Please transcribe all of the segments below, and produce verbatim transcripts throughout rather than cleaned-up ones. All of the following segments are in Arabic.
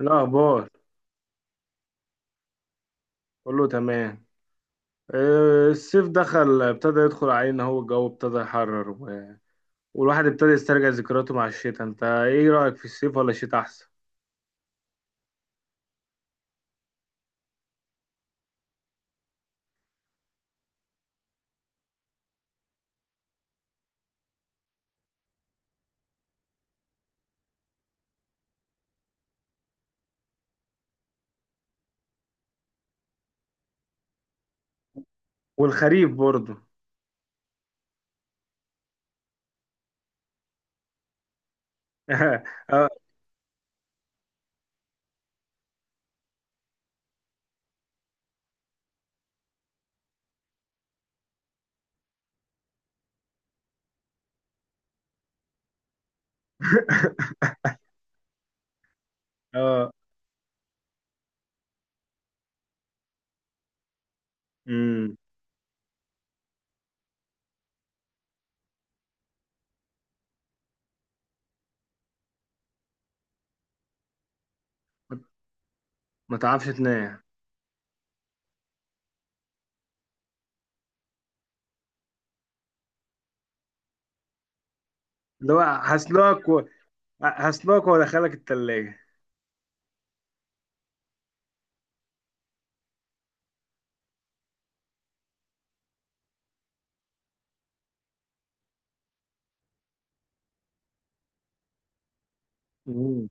الأخبار. كله تمام. آه، الصيف دخل ابتدى يدخل علينا، هو الجو ابتدى يحرر و... والواحد ابتدى يسترجع ذكرياته مع الشتاء. انت ايه رأيك، في الصيف ولا الشتاء احسن؟ والخريف برضه. اه. اه. امم. ما تعرفش تنام. اللي هو هسلاك و... هسلاك وادخلك التلاجة. مم.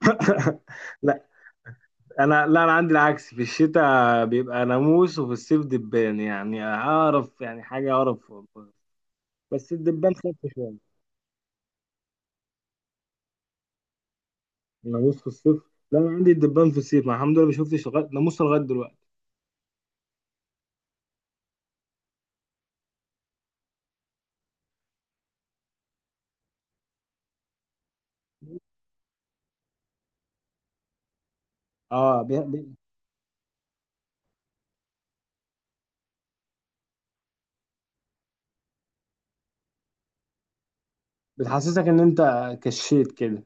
لا انا لا انا عندي العكس، في الشتاء بيبقى ناموس وفي الصيف دبان، يعني اعرف يعني حاجة اعرف. بس الدبان خف شوية. ناموس في الصيف؟ لا انا عندي الدبان في الصيف، ما الحمد لله ما شفتش لغايه ناموس لغايه دلوقتي. اه بي... بي... بتحسسك ان انت كشيت كده.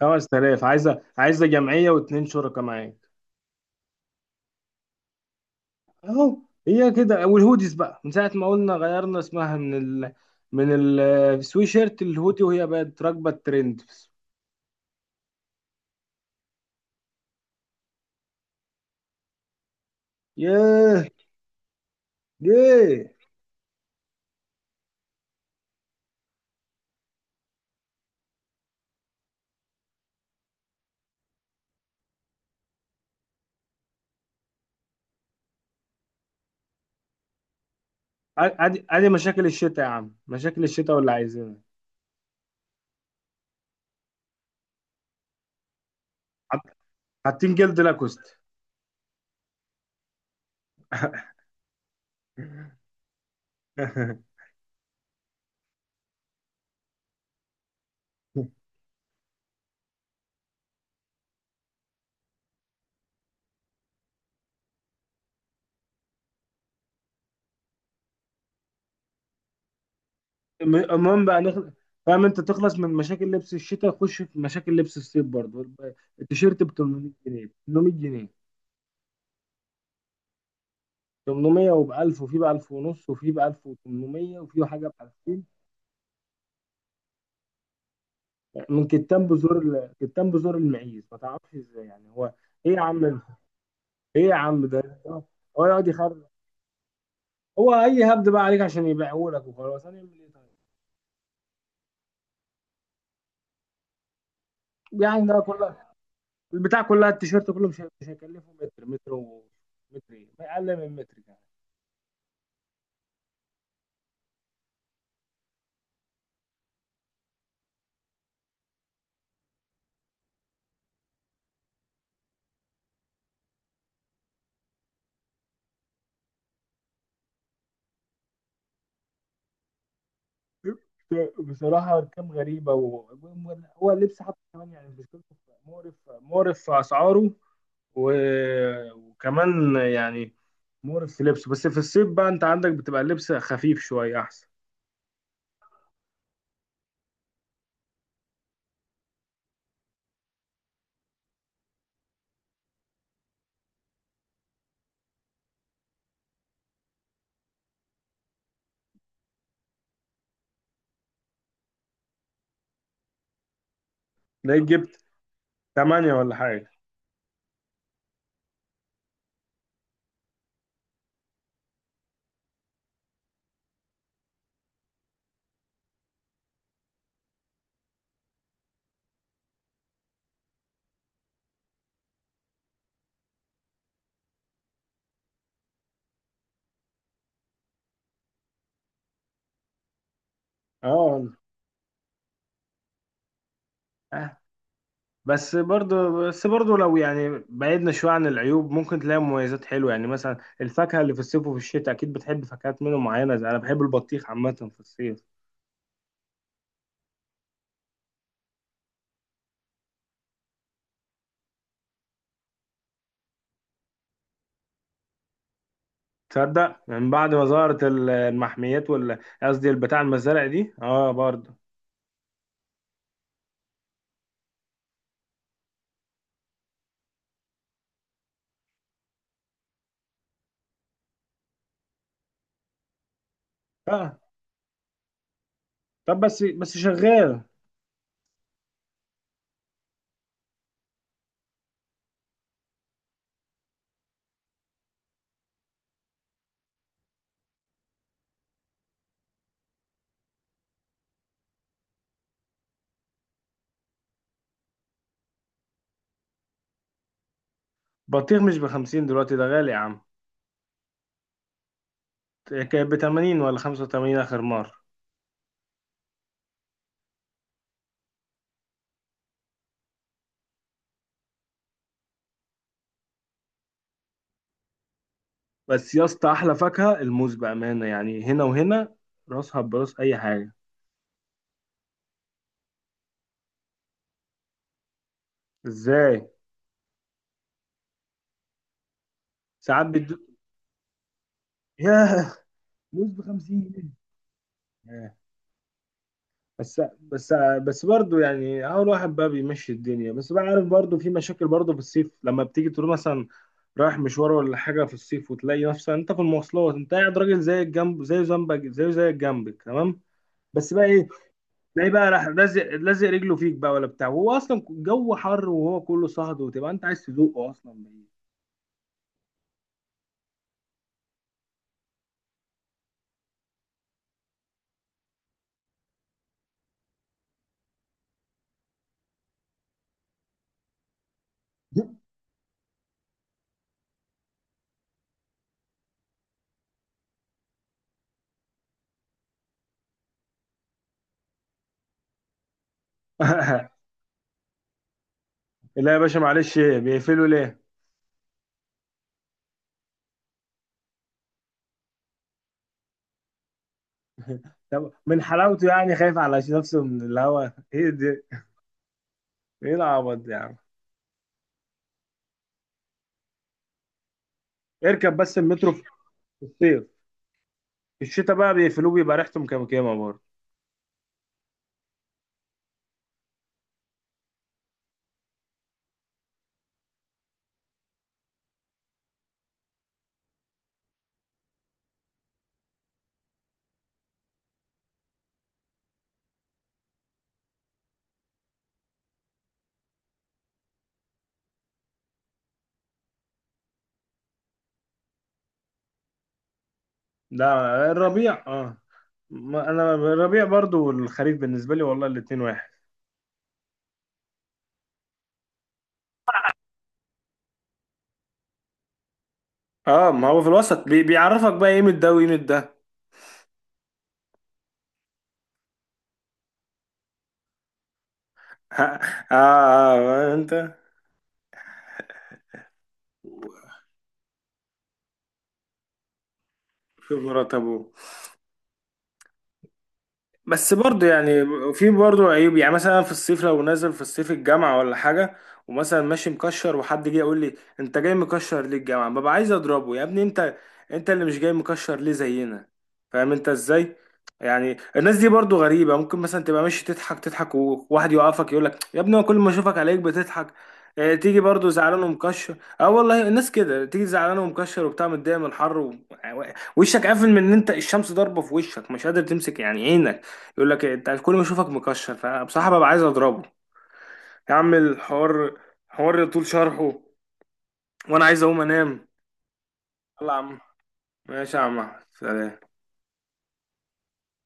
خمسة آلاف، عايزه عايزه جمعيه واثنين شركاء معاك. اهو، هي كده. والهوديز بقى من ساعه ما قلنا غيرنا اسمها من ال من السوي شيرت الهودي، وهي بقت راكبه الترند. ياه. ياه. ادي ادي مشاكل الشتاء يا عم، مشاكل الشتاء واللي عايزينها، حاطين جلد لاكوست. الم- المهم بقى نخل... فاهم انت؟ تخلص من مشاكل لبس الشتاء، خش في مشاكل لبس الصيف برضه. التيشيرت ب ثمنمية جنيه، ب ثمنمية جنيه. ثمنمية وب ألف، وفي ب ألف ونص، وفي ب ألف وثمنمية، وفي حاجه ب ألفين. من كتان بزور ال... كتان بزور المعيز، ما تعرفش ازاي يعني هو. ايه يا عم ده؟ ايه يا عم ده؟ هو يقعد يخرب. هو اي هبد بقى عليك عشان يبيعه لك، وخلاص هنعمل ايه طيب. يعني ده كلها البتاع كلها، التيشيرت كله مش هي- مش هيكلفه متر، متر و متر ايه ما اقل من متر كمان. بصراحة أرقام غريبة و- هو اللبس حتى كمان يعني مشكلته مقرف، مقرف في أسعاره و... وكمان يعني مقرف في لبسه. بس في الصيف بقى، أنت عندك بتبقى اللبس خفيف شوية أحسن. تلاقيك جبت تمانية ولا حاجة. أه. آه. بس برضه، بس برضه لو يعني بعدنا شوية عن العيوب، ممكن تلاقي مميزات حلوة. يعني مثلا الفاكهة اللي في الصيف وفي الشتاء، أكيد بتحب فاكهات منه معينة، زي أنا بحب البطيخ عامة في الصيف. تصدق، من بعد ما ظهرت ال- المحميات وال قصدي البتاع المزارع دي، اه برضه. اه طب بس بس شغال. بطيخ مش بخمسين دلوقتي، ده غالي يا عم. كانت بتمانين ولا خمسة وتمانين آخر مرة. بس يا اسطى، أحلى فاكهة الموز بأمانة، يعني هنا وهنا راسها براس أي حاجة. ازاي؟ ساعات بتدوق. ياه، موز بخمسين جنيه. بس، بس، بس برضه يعني اول واحد بقى بيمشي الدنيا. بس بقى عارف برضه، في مشاكل برضه في الصيف، لما بتيجي تقول مثلا رايح مشوار ولا حاجه في الصيف، وتلاقي نفسك انت في المواصلات انت قاعد، راجل زي الجنب، زي ذنبك، زي زي جنبك تمام، بس بقى ايه، تلاقيه بقى راح لازق، لازق رجله فيك بقى ولا بتاع، وهو اصلا الجو حر وهو كله صهد، وتبقى انت عايز تذوقه اصلا. لا يا باشا معلش، ايه بيقفلوا ليه؟ طب من حلاوته يعني، خايف على نفسه من الهوا، ايه ده؟ ايه العبط ده يا عم. اركب بس المترو في الصيف. في الشتاء بقى بيقفلوه، بيبقى ريحته مكمكمه برضه. لا الربيع اه. ما انا الربيع برضه والخريف بالنسبه لي، والله الاتنين واحد. اه ما هو في الوسط، بي بيعرفك بقى قيمة ده وقيمة ده. اه، آه آه انت. خبرة ابوه. بس برضه يعني في برضه عيوب، يعني مثلا في الصيف لو نازل في الصيف الجامعة ولا حاجة، ومثلا ماشي مكشر، وحد جه يقول لي انت جاي مكشر ليه الجامعة، ببقى عايز اضربه. يا ابني انت، انت اللي مش جاي مكشر ليه زينا؟ فاهم انت ازاي؟ يعني الناس دي برضه غريبة، ممكن مثلا تبقى ماشي تضحك، تضحك، وواحد يوقفك يقول لك يا ابني، هو كل ما اشوفك عليك بتضحك، اه، تيجي برضه زعلان ومكشر. اه والله الناس كده، تيجي زعلان ومكشر وبتاع، متضايق من الحر و... وشك قافل من ان انت الشمس ضاربه في وشك، مش قادر تمسك يعني عينك، يقول لك إيه، انت كل ما اشوفك مكشر. فبصراحه ببقى عايز اضربه. يا عم الحوار حوار طول شرحه، وانا عايز اقوم انام. يلا يا عم، ماشي يا عم أحمد. سلام.